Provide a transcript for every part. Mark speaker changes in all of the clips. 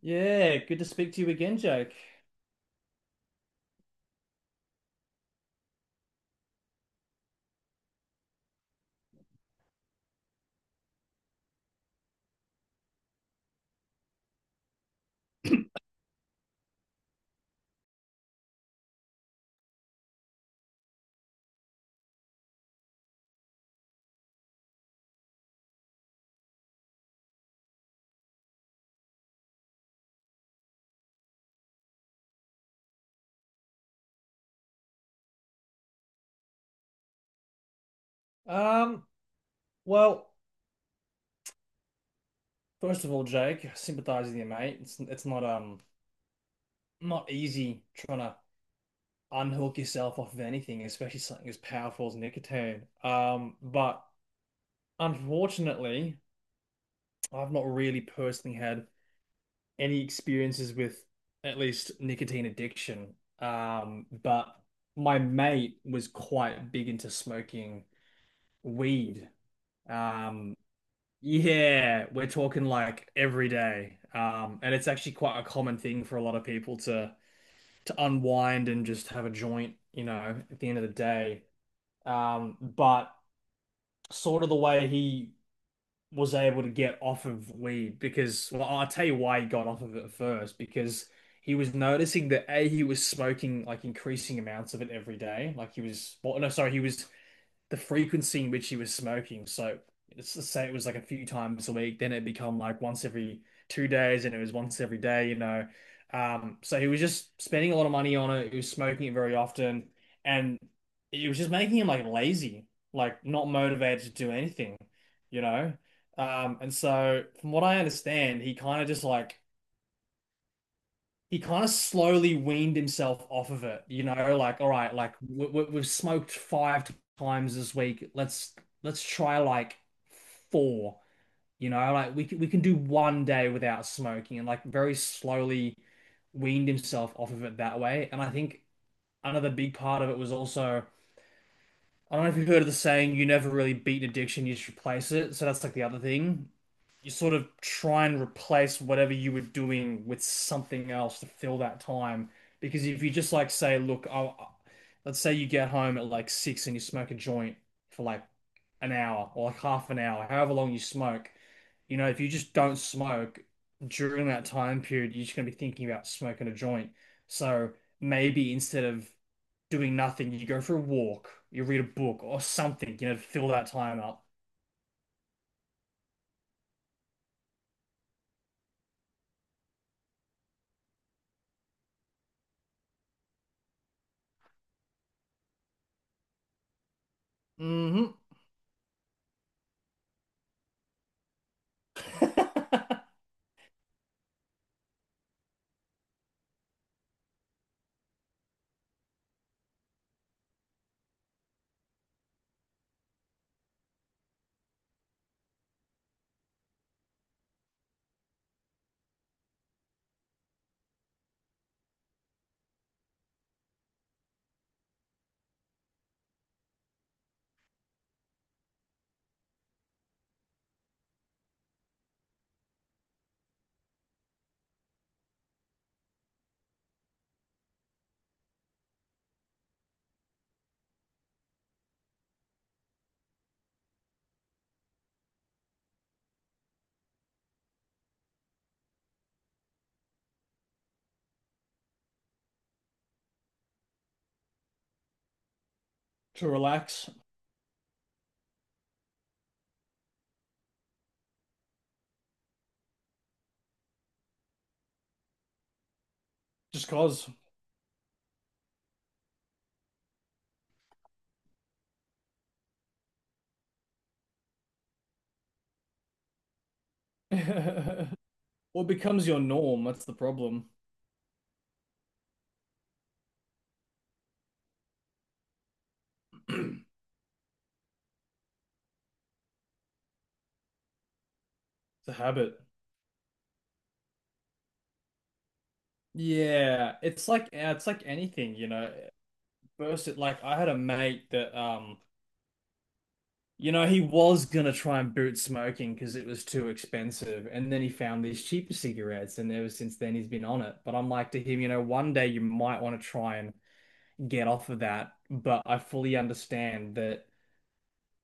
Speaker 1: Yeah, good to speak to you again, Jake. Um, well, first of all, Jake, I sympathize with you, mate. It's not not easy trying to unhook yourself off of anything, especially something as powerful as nicotine. But unfortunately, I've not really personally had any experiences with at least nicotine addiction. But my mate was quite big into smoking weed. Um, Yeah, we're talking like every day. And it's actually quite a common thing for a lot of people to unwind and just have a joint, you know, at the end of the day. But sort of the way he was able to get off of weed because, well, I'll tell you why he got off of it at first, because he was noticing that A, he was smoking like increasing amounts of it every day. Like he was, well, no, sorry, he was the frequency in which he was smoking. So let's say it was like a few times a week, then it become like once every 2 days, and it was once every day, you know. So he was just spending a lot of money on it. He was smoking it very often, and it was just making him like lazy, like not motivated to do anything, you know. And so from what I understand, he kind of slowly weaned himself off of it, you know, like all right, like we've smoked five times this week. Let's try like four, you know, like we can do one day without smoking and like very slowly weaned himself off of it that way. And I think another big part of it was also I don't know if you've heard of the saying, you never really beat an addiction, you just replace it. So that's like the other thing. You sort of try and replace whatever you were doing with something else to fill that time. Because if you just like say, look, let's say you get home at like six and you smoke a joint for like an hour or like half an hour, however long you smoke. You know, if you just don't smoke during that time period, you're just going to be thinking about smoking a joint. So maybe instead of doing nothing, you go for a walk, you read a book or something, you know, to fill that time up. Hmm. To relax, just cause. What becomes your norm? That's the problem. It's a habit. Yeah, it's like anything, you know. First, it like I had a mate that you know, he was gonna try and boot smoking because it was too expensive, and then he found these cheaper cigarettes, and ever since then he's been on it. But I'm like to him, you know, one day you might want to try and get off of that. But I fully understand that,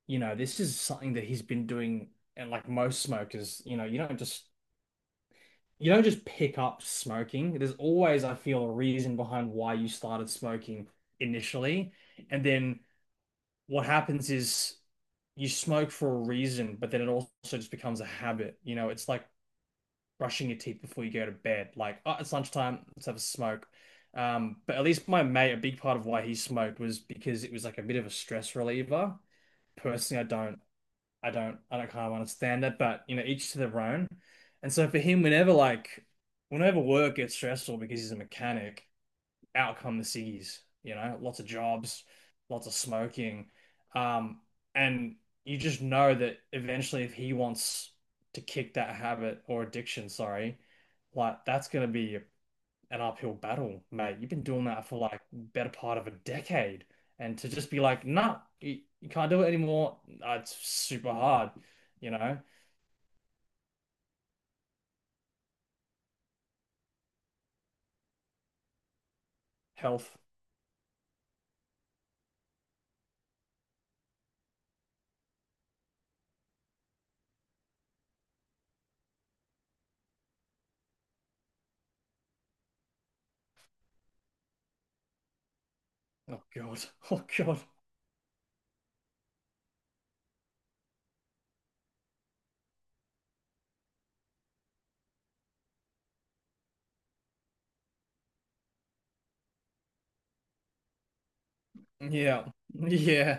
Speaker 1: you know, this is something that he's been doing, and like most smokers, you know, you don't just pick up smoking. There's always, I feel, a reason behind why you started smoking initially, and then what happens is you smoke for a reason, but then it also just becomes a habit. You know, it's like brushing your teeth before you go to bed. Like, oh, it's lunchtime, let's have a smoke. But at least my mate, a big part of why he smoked was because it was like a bit of a stress reliever. Personally, I don't kind of understand that, but you know, each to their own. And so for him, whenever work gets stressful because he's a mechanic, out come the ciggies, you know, lots of jobs, lots of smoking. Um, and you just know that eventually if he wants to kick that habit or addiction, sorry, like that's gonna be an uphill battle, mate. You've been doing that for like better part of a decade. And to just be like, nah, you can't do it anymore, it's super hard, you know? Health. Oh God. Oh God. Yeah. Yeah.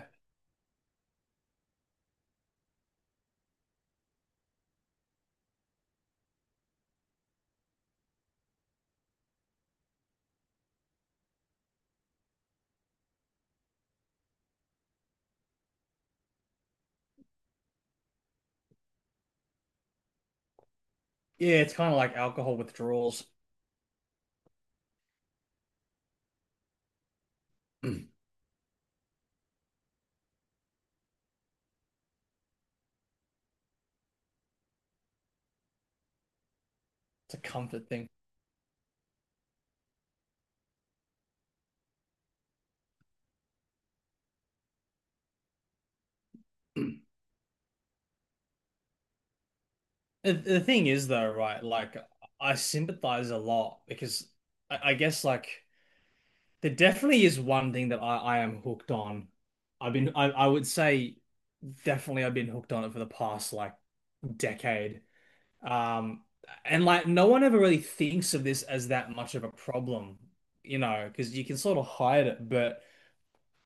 Speaker 1: Yeah, it's kind of like alcohol withdrawals. It's a comfort thing. The thing is though, right? Like I sympathize a lot because I guess like there definitely is one thing that I am hooked on. I would say definitely I've been hooked on it for the past like decade. Um and like no one ever really thinks of this as that much of a problem, you know, because you can sort of hide it, but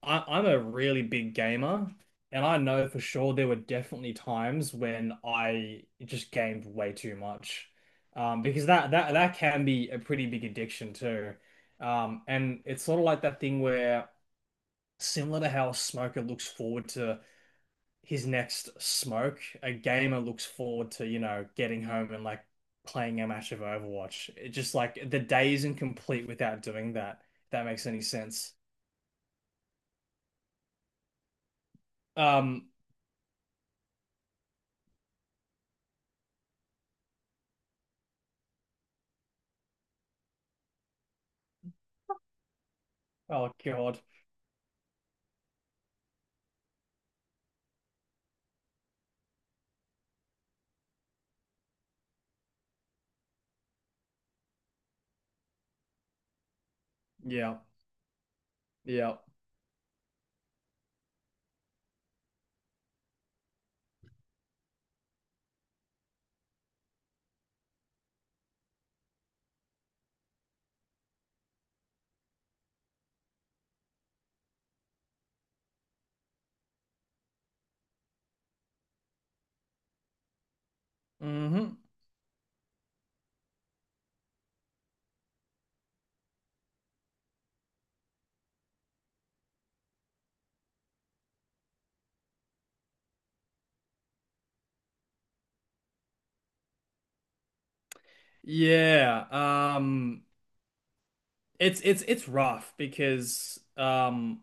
Speaker 1: I'm a really big gamer, and I know for sure there were definitely times when I just gamed way too much, because that can be a pretty big addiction too, and it's sort of like that thing where similar to how a smoker looks forward to his next smoke, a gamer looks forward to you know getting home and like playing a match of Overwatch. It just like the day isn't complete without doing that. If that makes any sense. Um, oh God. Yeah. Yep. Hmm. Yeah. Um, it's it's rough because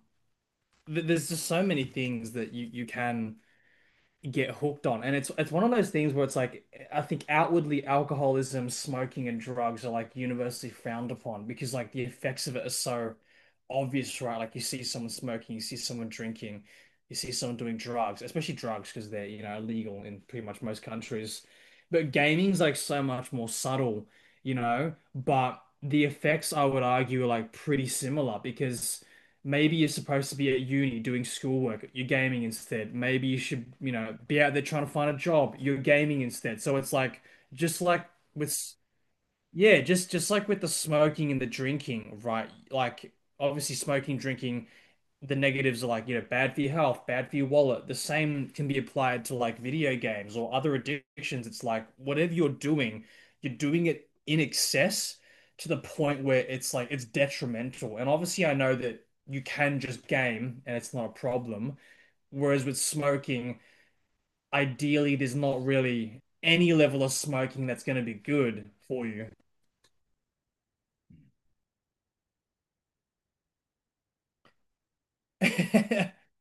Speaker 1: th there's just so many things that you can get hooked on. And it's one of those things where it's like I think outwardly alcoholism, smoking, and drugs are like universally frowned upon because like the effects of it are so obvious, right? Like you see someone smoking, you see someone drinking, you see someone doing drugs, especially drugs because they're, you know, illegal in pretty much most countries. But gaming's like so much more subtle, you know, but the effects I would argue are like pretty similar because maybe you're supposed to be at uni doing schoolwork. You're gaming instead. Maybe you should, you know, be out there trying to find a job. You're gaming instead. So it's like just like with yeah, just like with the smoking and the drinking, right? Like obviously smoking, drinking, the negatives are like, you know, bad for your health, bad for your wallet. The same can be applied to like video games or other addictions. It's like whatever you're doing it in excess to the point where it's like it's detrimental. And obviously, I know that you can just game and it's not a problem. Whereas with smoking, ideally, there's not really any level of smoking that's going to be good for you.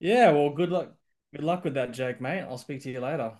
Speaker 1: Yeah, well, good luck. Good luck with that, Jake, mate. I'll speak to you later.